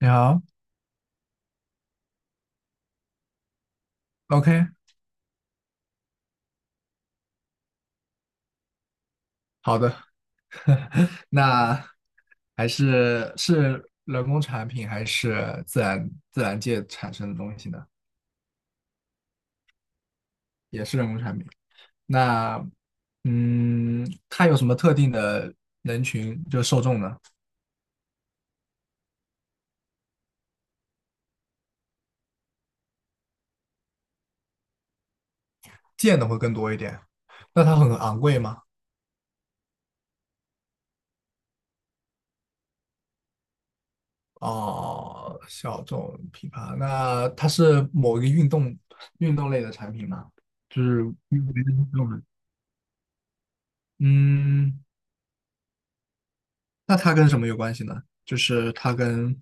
你好，OK，好的，那还是人工产品还是自然界产生的东西呢？也是人工产品。那它有什么特定的人群就受众呢？见的会更多一点。那它很昂贵吗？哦，小众品牌。那它是某一个运动类的产品吗？就是运动类的运动的。嗯。那它跟什么有关系呢？就是它跟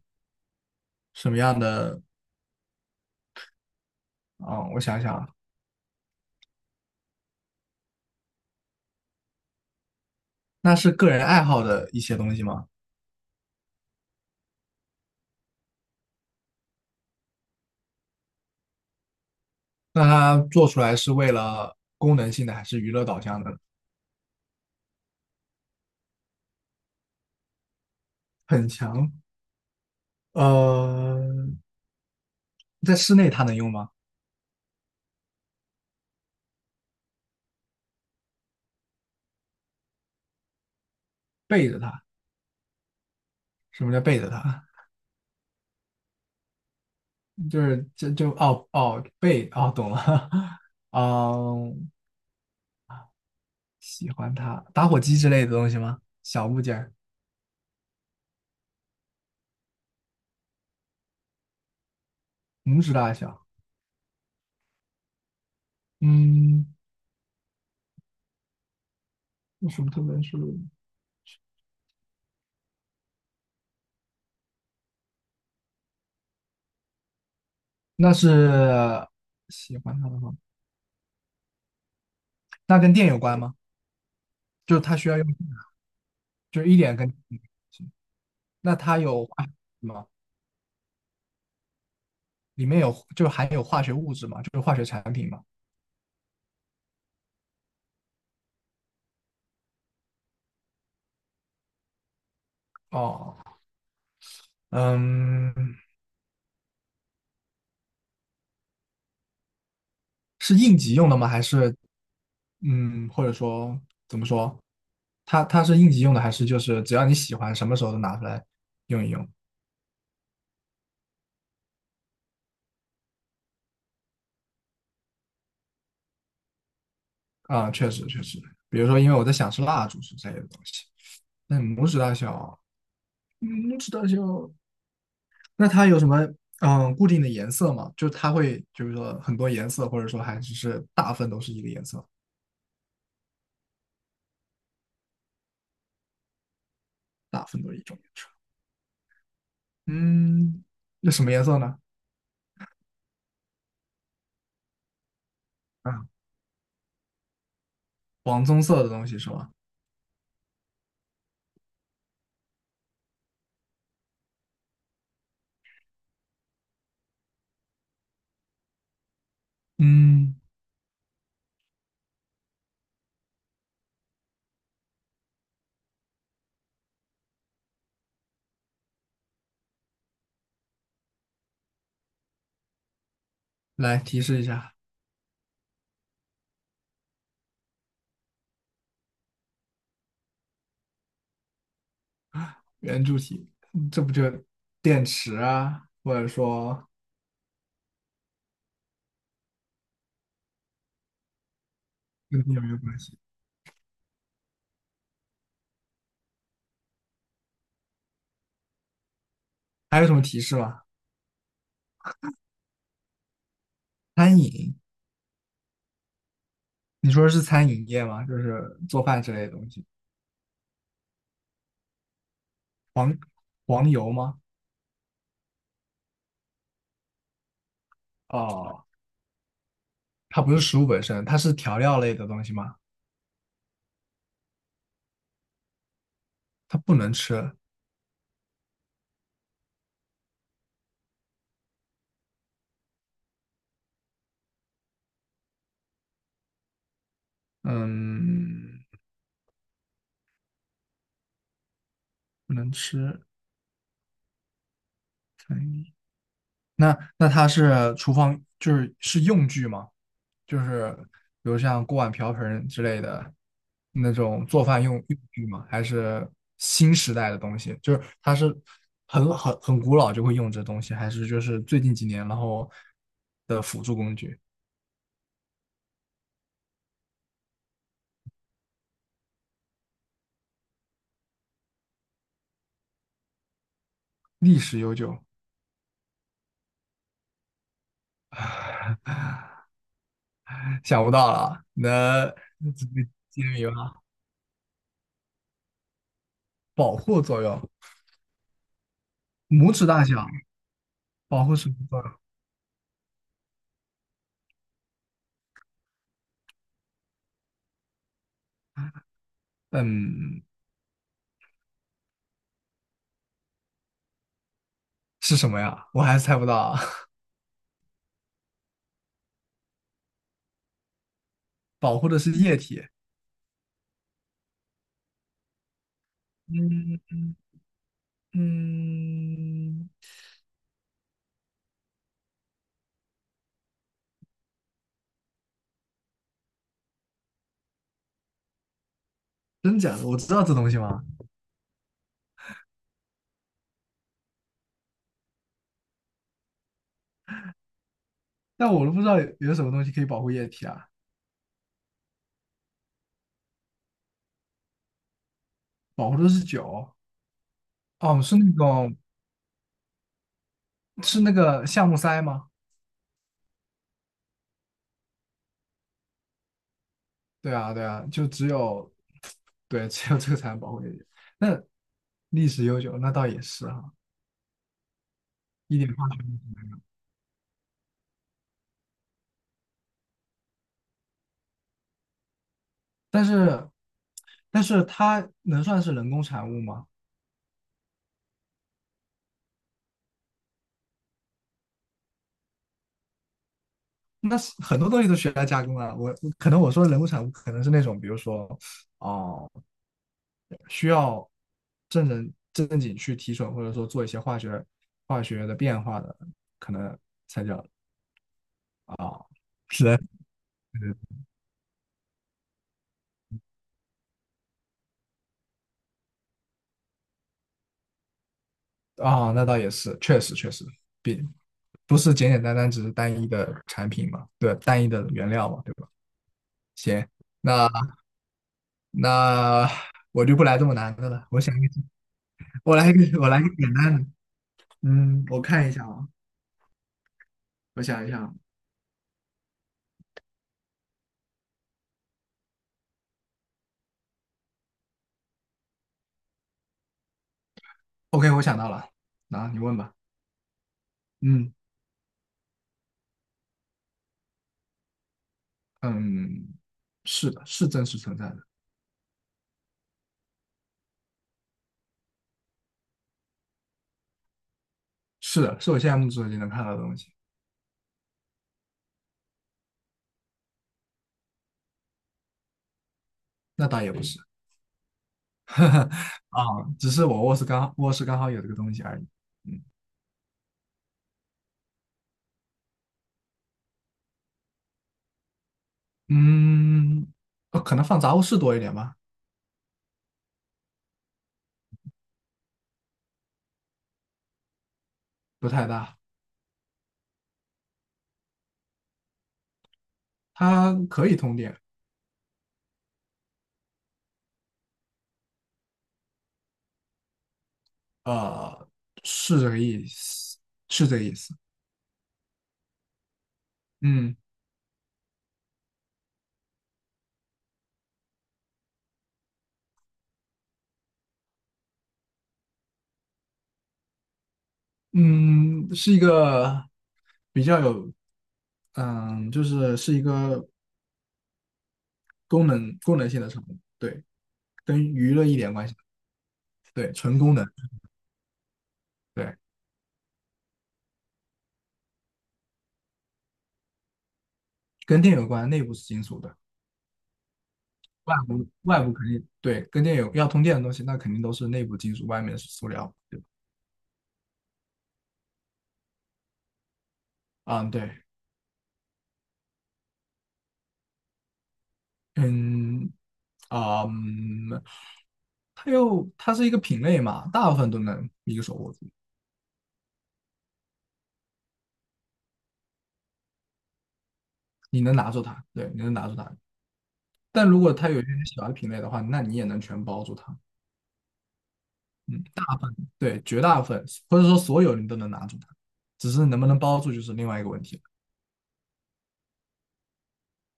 什么样的？嗯，我想想啊，那是个人爱好的一些东西吗？那它做出来是为了功能性的还是娱乐导向的？很强。呃，在室内它能用吗？背着它，什么叫背着它？就是这就哦哦背哦懂了。嗯，喜欢它，打火机之类的东西吗？小物件儿拇指大小。嗯，有什么特别是？那是喜欢他的话，那跟电有关吗？就是它需要用，就是一点跟，那它有化学物质吗？里面有就含有化学物质嘛？就是化学产品嘛？哦，嗯，是应急用的吗？还是嗯，或者说怎么说？它是应急用的，还是就是只要你喜欢，什么时候都拿出来用一用？啊、确实确实，比如说，因为我在想是蜡烛之类的东西，那拇指大小，嗯，拇指大小。那它有什么固定的颜色吗？就它会就是说很多颜色，或者说还只是大部分都是一个颜色，大部分都是一种颜色。嗯，那什么颜色呢？啊，黄棕色的东西是吗？嗯，来提示一下圆柱体，这不就电池啊，或者说跟电有没有关系？还有什么提示吗？餐饮，你说的是餐饮业吗？就是做饭之类的东西。黄油吗？哦，它不是食物本身，它是调料类的东西吗？它不能吃，嗯，不能吃餐饮。那它是厨房，就是是用具吗？就是比如像锅碗瓢盆之类的那种做饭用具吗？还是新时代的东西？就是它是很古老就会用这东西，还是就是最近几年然后的辅助工具？历史悠久，想不到了，能直接揭秘吗？保护作用，拇指大小，保护什么作用？嗯，是什么呀？我还是猜不到啊。保护的是液体。嗯嗯，真假的？我知道这东西吗？但我都不知道有什么东西可以保护液体啊。保护的是酒。哦，是那种是那个橡木塞吗？对啊，对啊，就只有对，只有这个才能保护液体。那历史悠久，那倒也是哈、一点化学。但是但是它能算是人工产物吗？那是很多东西都需要加工啊。我可能我说的人物产物，可能是那种，比如说，哦、需要正人正经去提纯，或者说做一些化学的变化的，可能才叫啊。是的，啊，那倒也是，确实确实，比不是简简单单只是单一的产品嘛，对，单一的原料嘛，对吧？行，那那我就不来这么难的了，我想一个，我来一个简单的，嗯，我看一下啊。我想一想，OK，我想到了，然后你问吧。嗯嗯，是的，是真实存在的，是的，是我现在目所及能看到的东西。那倒也不是，啊，只是我卧室刚卧室刚好有这个东西而已。嗯嗯，可能放杂物室多一点吧，不太大。它可以通电，呃，是这个意思，是这个意思。嗯嗯，是一个比较有，嗯，就是是一个功能性的产品，对，跟娱乐一点关系，对，纯功能，对，跟电有关，内部是金属的，外部肯定对，跟电有要通电的东西，那肯定都是内部金属，外面是塑料，对，啊，对，嗯，啊，嗯它是一个品类嘛，大部分都能一个手握住，你能拿住它，对，你能拿住它，但如果它有一些小的品类的话，那你也能全包住它。嗯，大部分，对，绝大部分，或者说所有你都能拿住它，只是能不能包住就是另外一个问题了。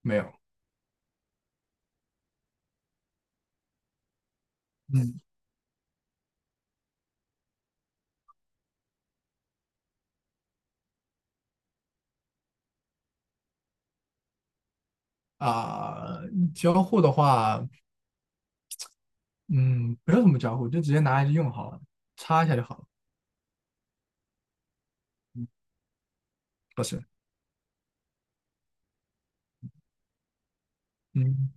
没有，嗯啊、交互的话，嗯，不用怎么交互，就直接拿来就用好了，插一下就好了。不是，嗯，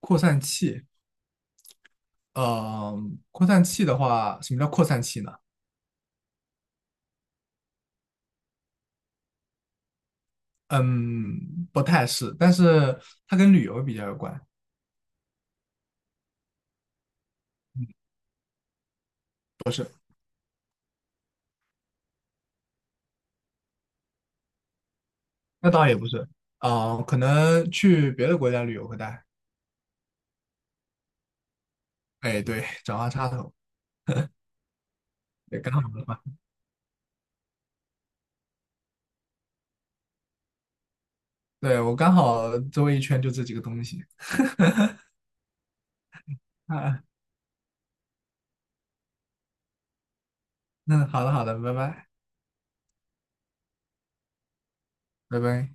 扩散器，呃，扩散器的话，什么叫扩散器呢？嗯，不太是，但是它跟旅游比较有关。嗯，不是，那倒也不是，啊、可能去别的国家旅游会带。哎，对，转换插头，对，刚好。对，我刚好周围一圈就这几个东西啊。那好的，好的，拜拜，拜拜。